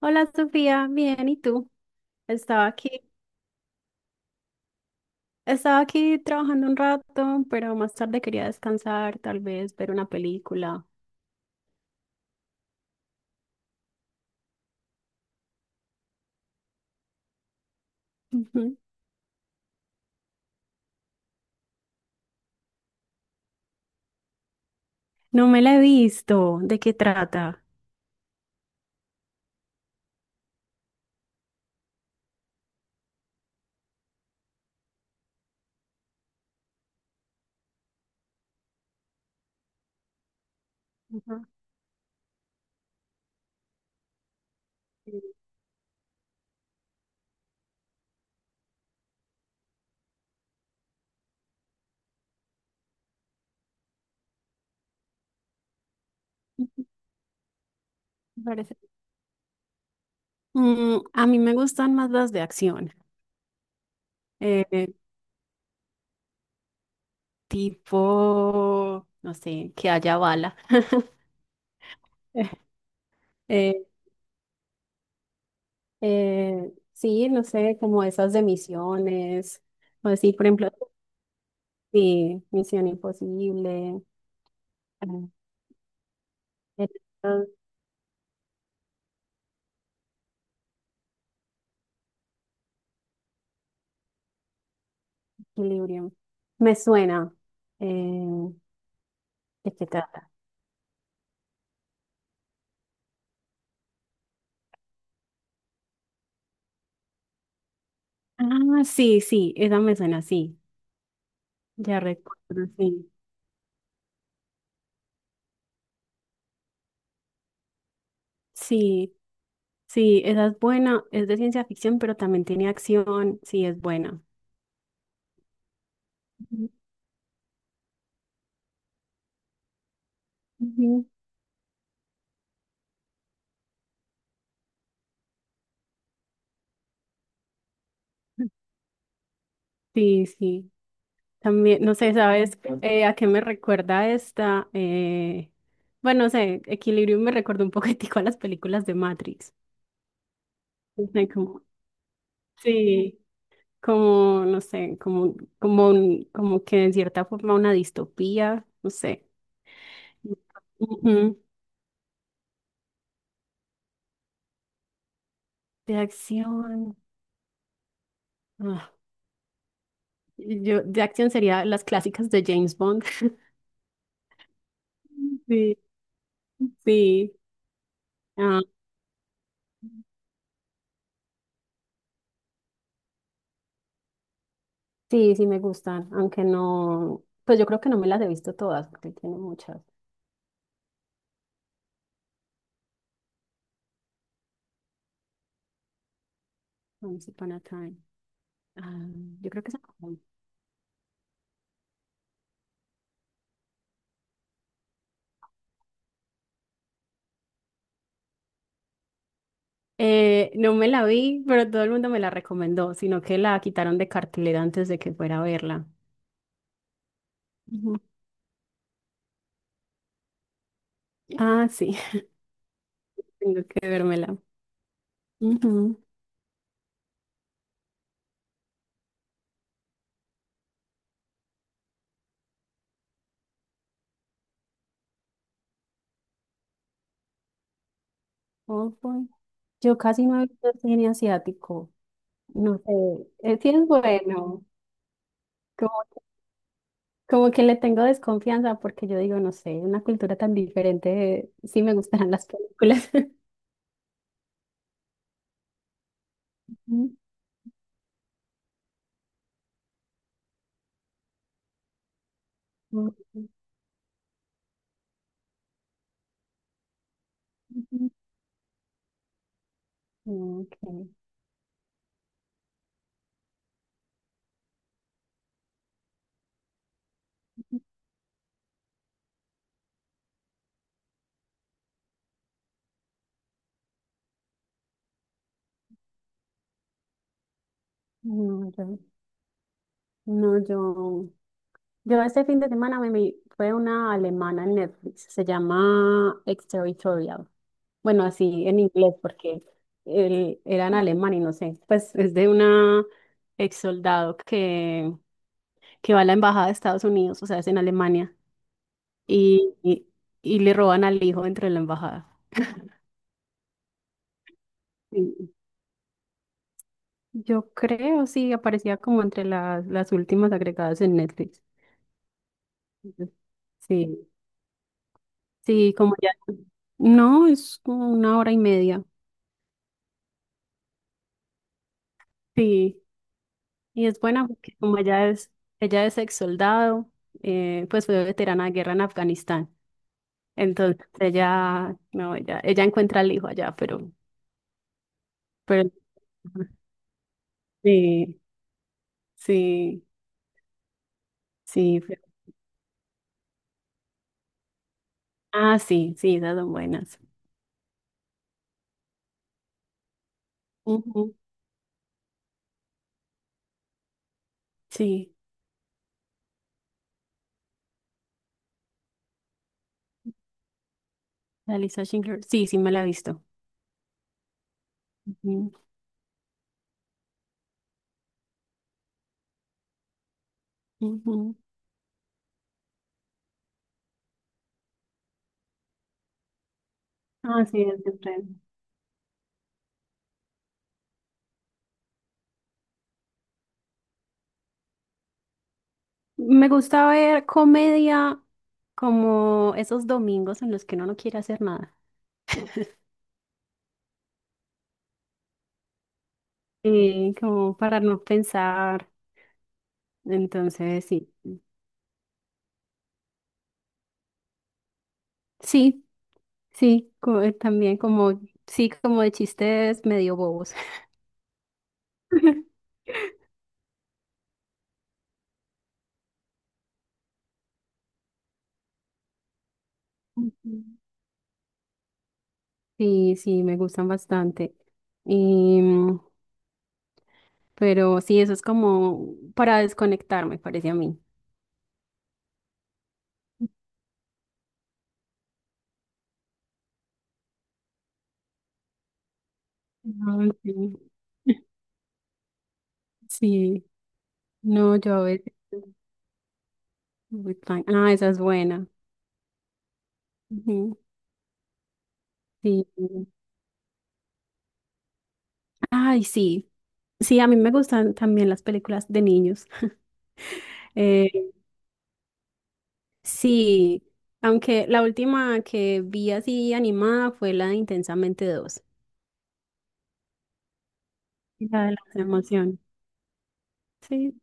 Hola Sofía, bien, ¿y tú? Estaba aquí, estaba aquí trabajando un rato, pero más tarde quería descansar, tal vez ver una película. Ujú. No me la he visto, ¿de qué trata? Ujú, sí, me parece. A mí me gustan más las de acción, eh, tipo, no sé, que haya bala. Eh, sí, no sé, como esas de misiones, o así, por ejemplo, sí, Misión Imposible. eh, El estado de equilibrio. Me suena. Eh, ¿De qué trata? Ah, sí, sí, esa me suena, sí. Ya recuerdo, sí. Sí, sí, esa es buena. Es de ciencia ficción, pero también tiene acción. Sí, es buena. Ujú, ujú. Sí, sí. También, no sé, ¿sabes a qué me recuerda esta? Bueno, no sé, Equilibrium me recuerda un poquitico a las películas de Matrix. No sé, Sí. como, no sé, como, como, un- como que en cierta forma una distopía, no sé. Ujú. De acción. ah, yo, de acción sería las clásicas de James Bond. Sí, sí. Ah, sí, sí me gustan, aunque no, pues yo creo que no me las he visto todas, porque tiene muchas. Once Upon a Time. Ah, yo creo que no me la vi, pero todo el mundo me la recomendó, sino que la quitaron de cartelera antes de que fuera a verla. Ujú. Ah, sí. Tengo que vérmela. Ujú. Oh, boy. Yo casi no he visto cine asiático. No sé. Sí es bueno. Como, como que le tengo desconfianza porque yo digo, no sé, una cultura tan diferente. Sí me gustarán las películas. Ujú. Ujú. Ok. No, yo, no, yo Yo este fin de semana me vi, fue una alemana en Netflix, se llama Exterritorial. Bueno, así en inglés porque él era en alemán y no sé, pues es de una ex soldado que va a la embajada de Estados Unidos, o sea, es en Alemania, y, y, y le roban al hijo entre la embajada. Sí. Yo creo, sí, aparecía como entre las últimas agregadas en Netflix. Ujú. Sí, sí, como ya. No, es como una hora y media. Sí, y es buena porque ella es ex soldado, pues fue veterana de guerra en Afganistán. Entonces ella, no, ella encuentra al hijo allá, pero sí, sí, sí. Ah, sí, sí, esas son buenas. Ujú, sí, la Lisa Schindler, sí, sí me la he visto. Ujú, ujú. Ah, sí, es de Friends. Me gusta ver comedia como esos domingos en los que uno no quiere hacer nada. Como para no pensar. Entonces, sí, sí, sí, también como, sí, como de chistes medio bobos. Ujú. Sí, sí, me gustan bastante. Y, mm, pero sí, eso es como para desconectar, me parece a mí. Ah, sí. Sí, no, yo a veces. With Fine. Ah, esa es buena. Ujú, sí. Ay, sí. Sí, a mí me gustan también las películas de niños. Eh, sí, aunque la última que vi así animada fue la de Intensamente dos. La de la emoción. Sí,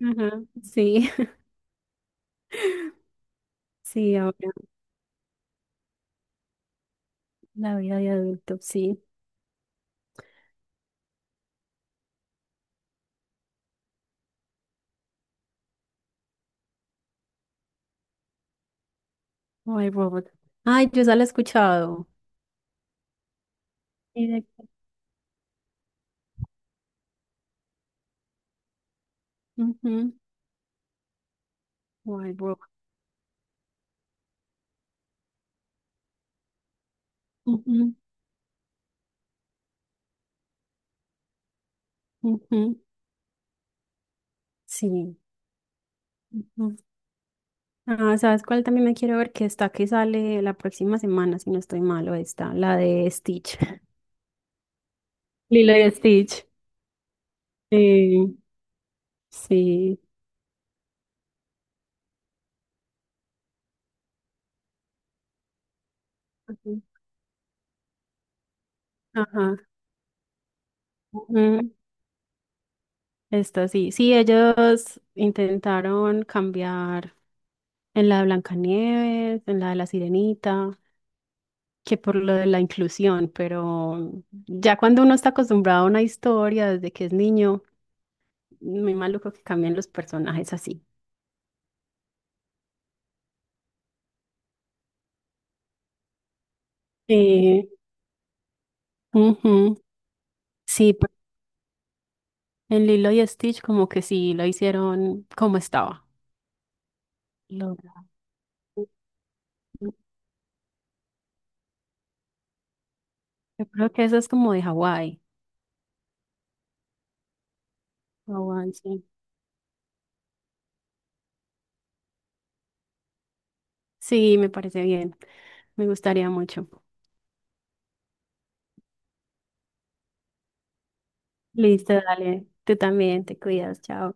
ajá, sí, sí, ahora la vida de adulto, sí. Wild Robot. Ay, yo ya la he escuchado. Directo. Ujú, Wild Robot. Ujú, ujú, sí. Ujú. Ah, ¿sabes cuál también me quiero ver? Que está que sale la próxima semana, si no estoy malo, está, la de Stitch. Lilo y Stitch. Sí, sí. Ujú. Ajá, Mm, esto sí, sí, ellos intentaron cambiar en la de Blancanieves, en la de la Sirenita, que por lo de la inclusión, pero ya cuando uno está acostumbrado a una historia desde que es niño, muy maluco que cambien los personajes así. Sí, ujú, sí, en Lilo y Stitch como que sí lo hicieron como estaba. Lo- Yo creo que eso es como de Hawái. Hawái, sí. Sí, me parece bien. Me gustaría mucho. Listo, dale. Tú también, te cuidas, chao.